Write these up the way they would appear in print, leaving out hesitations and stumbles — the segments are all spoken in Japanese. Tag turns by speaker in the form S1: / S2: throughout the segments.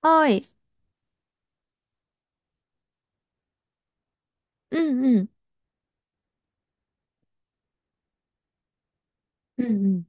S1: はい。うんうん。うんうん。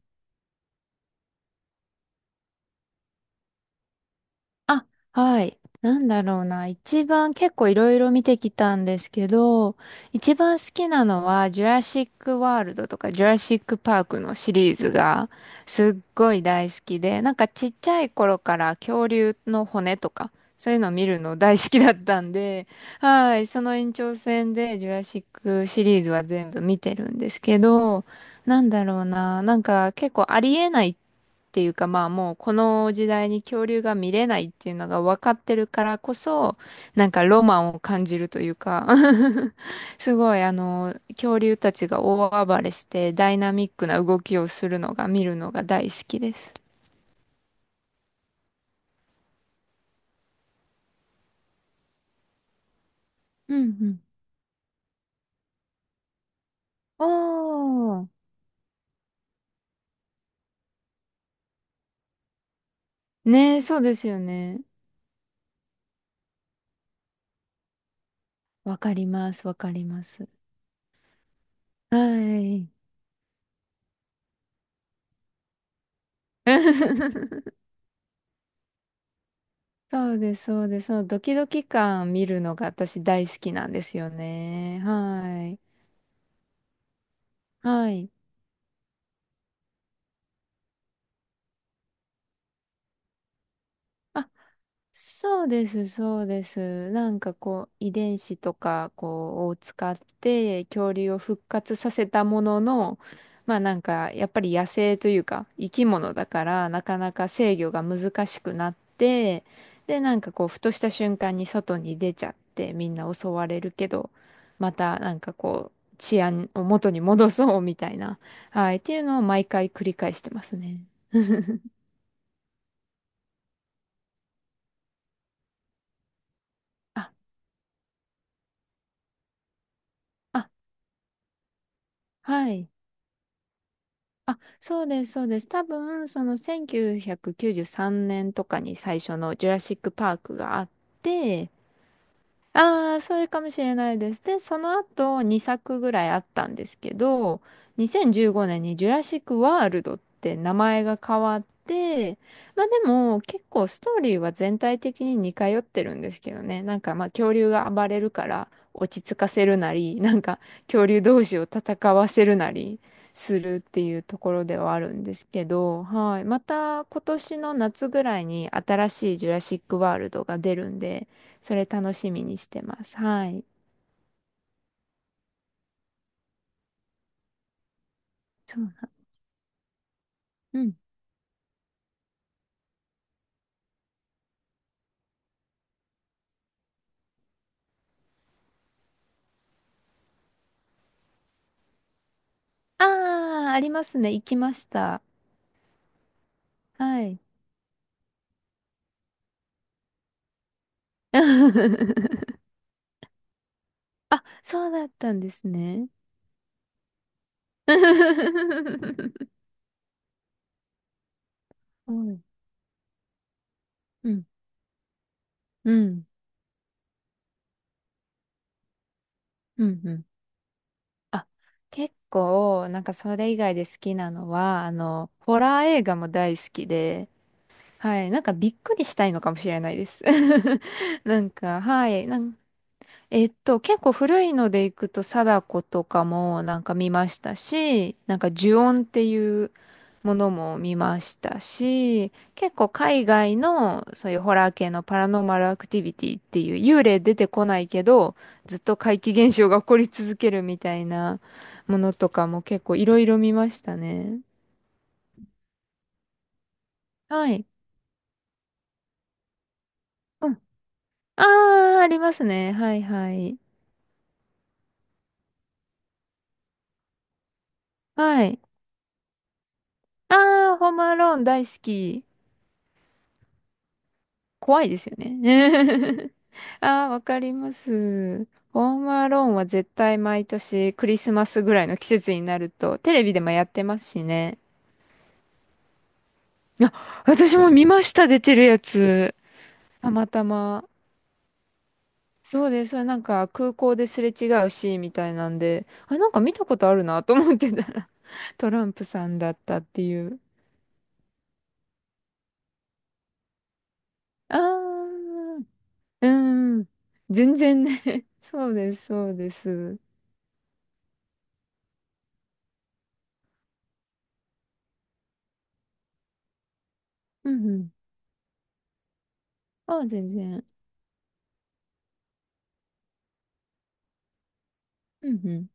S1: あ、はい。なんだろうな。一番結構いろいろ見てきたんですけど、一番好きなのは、ジュラシック・ワールドとか、ジュラシック・パークのシリーズがすっごい大好きで、なんかちっちゃい頃から恐竜の骨とか、そういうのを見るの大好きだったんで、はい。その延長線で、ジュラシックシリーズは全部見てるんですけど、なんだろうな。なんか結構ありえないっていうかまあもうこの時代に恐竜が見れないっていうのが分かってるからこそなんかロマンを感じるというか すごいあの恐竜たちが大暴れしてダイナミックな動きをするのが見るのが大好きです。うんうんおー。ねえ、そうですよね。わかります、わかります。はい。そうです、そうです。そのドキドキ感見るのが私大好きなんですよね。はい。はい。あ、そうです、そうです。なんかこう、遺伝子とかこうを使って恐竜を復活させたものの、まあなんかやっぱり野生というか生き物だからなかなか制御が難しくなって、でなんかこう、ふとした瞬間に外に出ちゃってみんな襲われるけど、またなんかこう、治安を元に戻そうみたいな、はい、っていうのを毎回繰り返してますね。あ、あ、はい。あ、そうです、そうです。多分、その1993年とかに最初のジュラシック・パークがあって、ああ、それかもしれないです。で、その後2作ぐらいあったんですけど、2015年にジュラシック・ワールドって名前が変わって、まあでも結構ストーリーは全体的に似通ってるんですけどね。なんかまあ恐竜が暴れるから落ち着かせるなり、なんか恐竜同士を戦わせるなりするっていうところではあるんですけど、はい。また今年の夏ぐらいに新しいジュラシック・ワールドが出るんで、それ楽しみにしてます。はい。そうな。うん。ああ、ありますね。行きました。はい。あ、そうだったんですね。うん。うん。うん。うん。うんあ、結構、なんかそれ以外で好きなのは、ホラー映画も大好きで、はい。なんかびっくりしたいのかもしれないです。なんか、はい。なんえっと、結構古いのでいくと、貞子とかもなんか見ましたし、なんか呪怨っていうものも見ましたし、結構海外のそういうホラー系のパラノーマルアクティビティっていう幽霊出てこないけど、ずっと怪奇現象が起こり続けるみたいなものとかも結構いろいろ見ましたね。はい。うん。ああ、ありますね。はいはい。はい。ああ、ホームアローン大好き。怖いですよね。ああ、わかります。ホームアローンは絶対毎年クリスマスぐらいの季節になるとテレビでもやってますしね。あ、私も見ました、出てるやつ。たまたま。そうです。なんか空港ですれ違うシーンみたいなんで、あ、なんか見たことあるなと思ってたらトランプさんだったっていう。ああ、うん。全然ね。そうです、そうです。うんうん。ああ、全然。うんうん。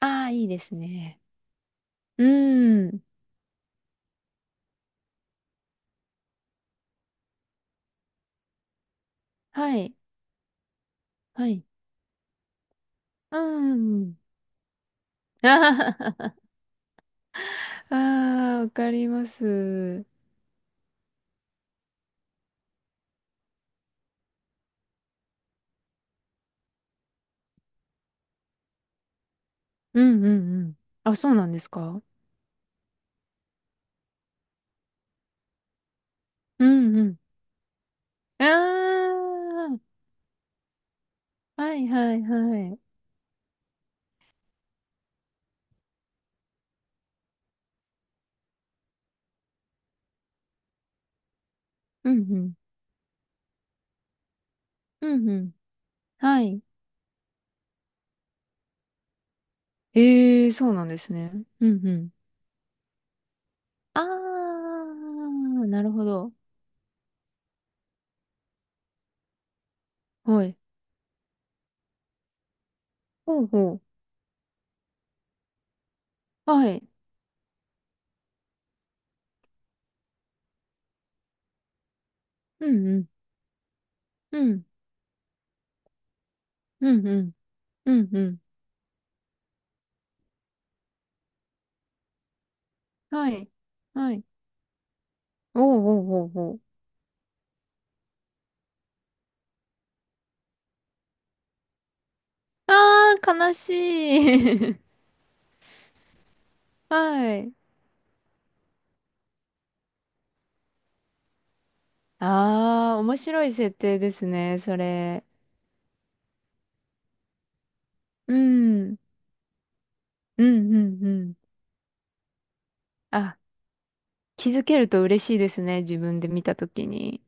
S1: ああ、いいですね。うーん。はい。はい。うーん。うんああ、あーわかります。うんうんうん。あ、そうなんですか。うんうん。ああ、はいはいはい。うんうん。うんうん。はい。ええ、そうなんですね。うんうん。ああ、なるほど。はい。ほうほう。はい。うんうん。うん。うんうん。うんうん。はい。はい。うおうおうおう。ああ悲しい。はい。ああ面白い設定ですね、それ。うん。うん、うん、うん。あ、気づけると嬉しいですね、自分で見たときに。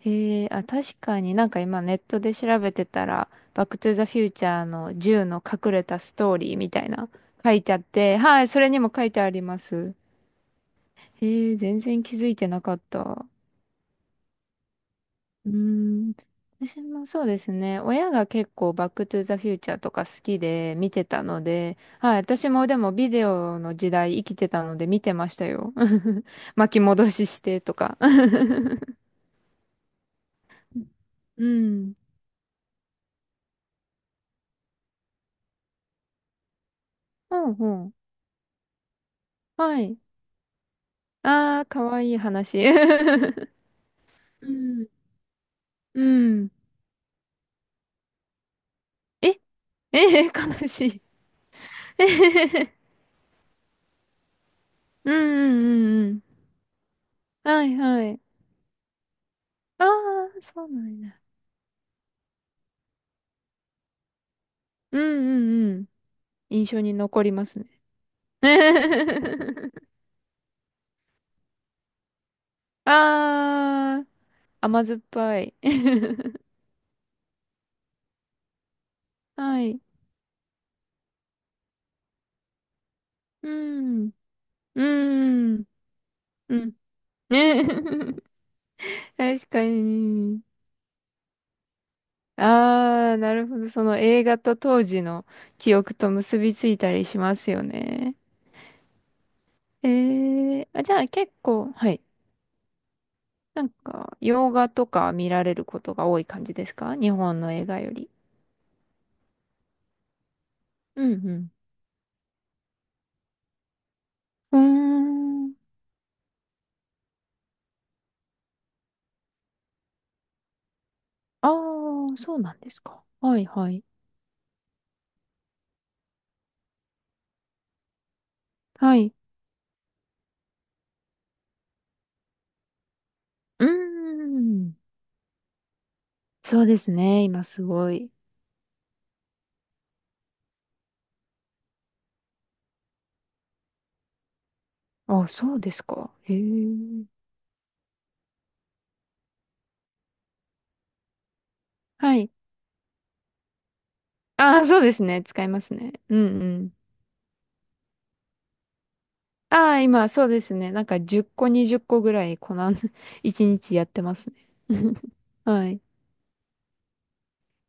S1: へえ、あ、確かになんか今ネットで調べてたら、バックトゥザフューチャーの銃の隠れたストーリーみたいな書いてあって、はい、それにも書いてあります。へえ、全然気づいてなかった。うーん、私もそうですね。親が結構バックトゥザフューチャーとか好きで見てたので、はい、私もでもビデオの時代生きてたので見てましたよ。巻き戻ししてとか。うん。ほうほう。はい。ああ、かわいい話。うん。うん。ええ え悲しい。えへへへうんうんうんうん。はいはい。ああ、そうなんだ。うんうんうん。印象に残りますね。あー、甘酸っぱい。はい。うん。うん。うん。ね。確かに。あー、なるほど。その映画と当時の記憶と結びついたりしますよね。えー、あ、じゃあ結構、はい。なんか、洋画とか見られることが多い感じですか、日本の映画より？うんうん。うーん。ああ、そうなんですか。はいはい。はい。うーん。そうですね。今すごい。あ、そうですか。へえ。はい。ああ、そうですね。使いますね。うんうん。ああ、今、そうですね。なんか10個、20個ぐらい、この 1日やってますね。はい。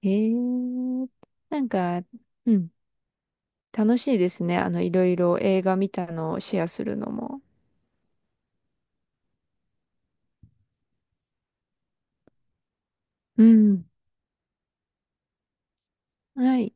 S1: へえ。なんか、うん。楽しいですね。いろいろ映画見たのをシェアするのも。うん。はい。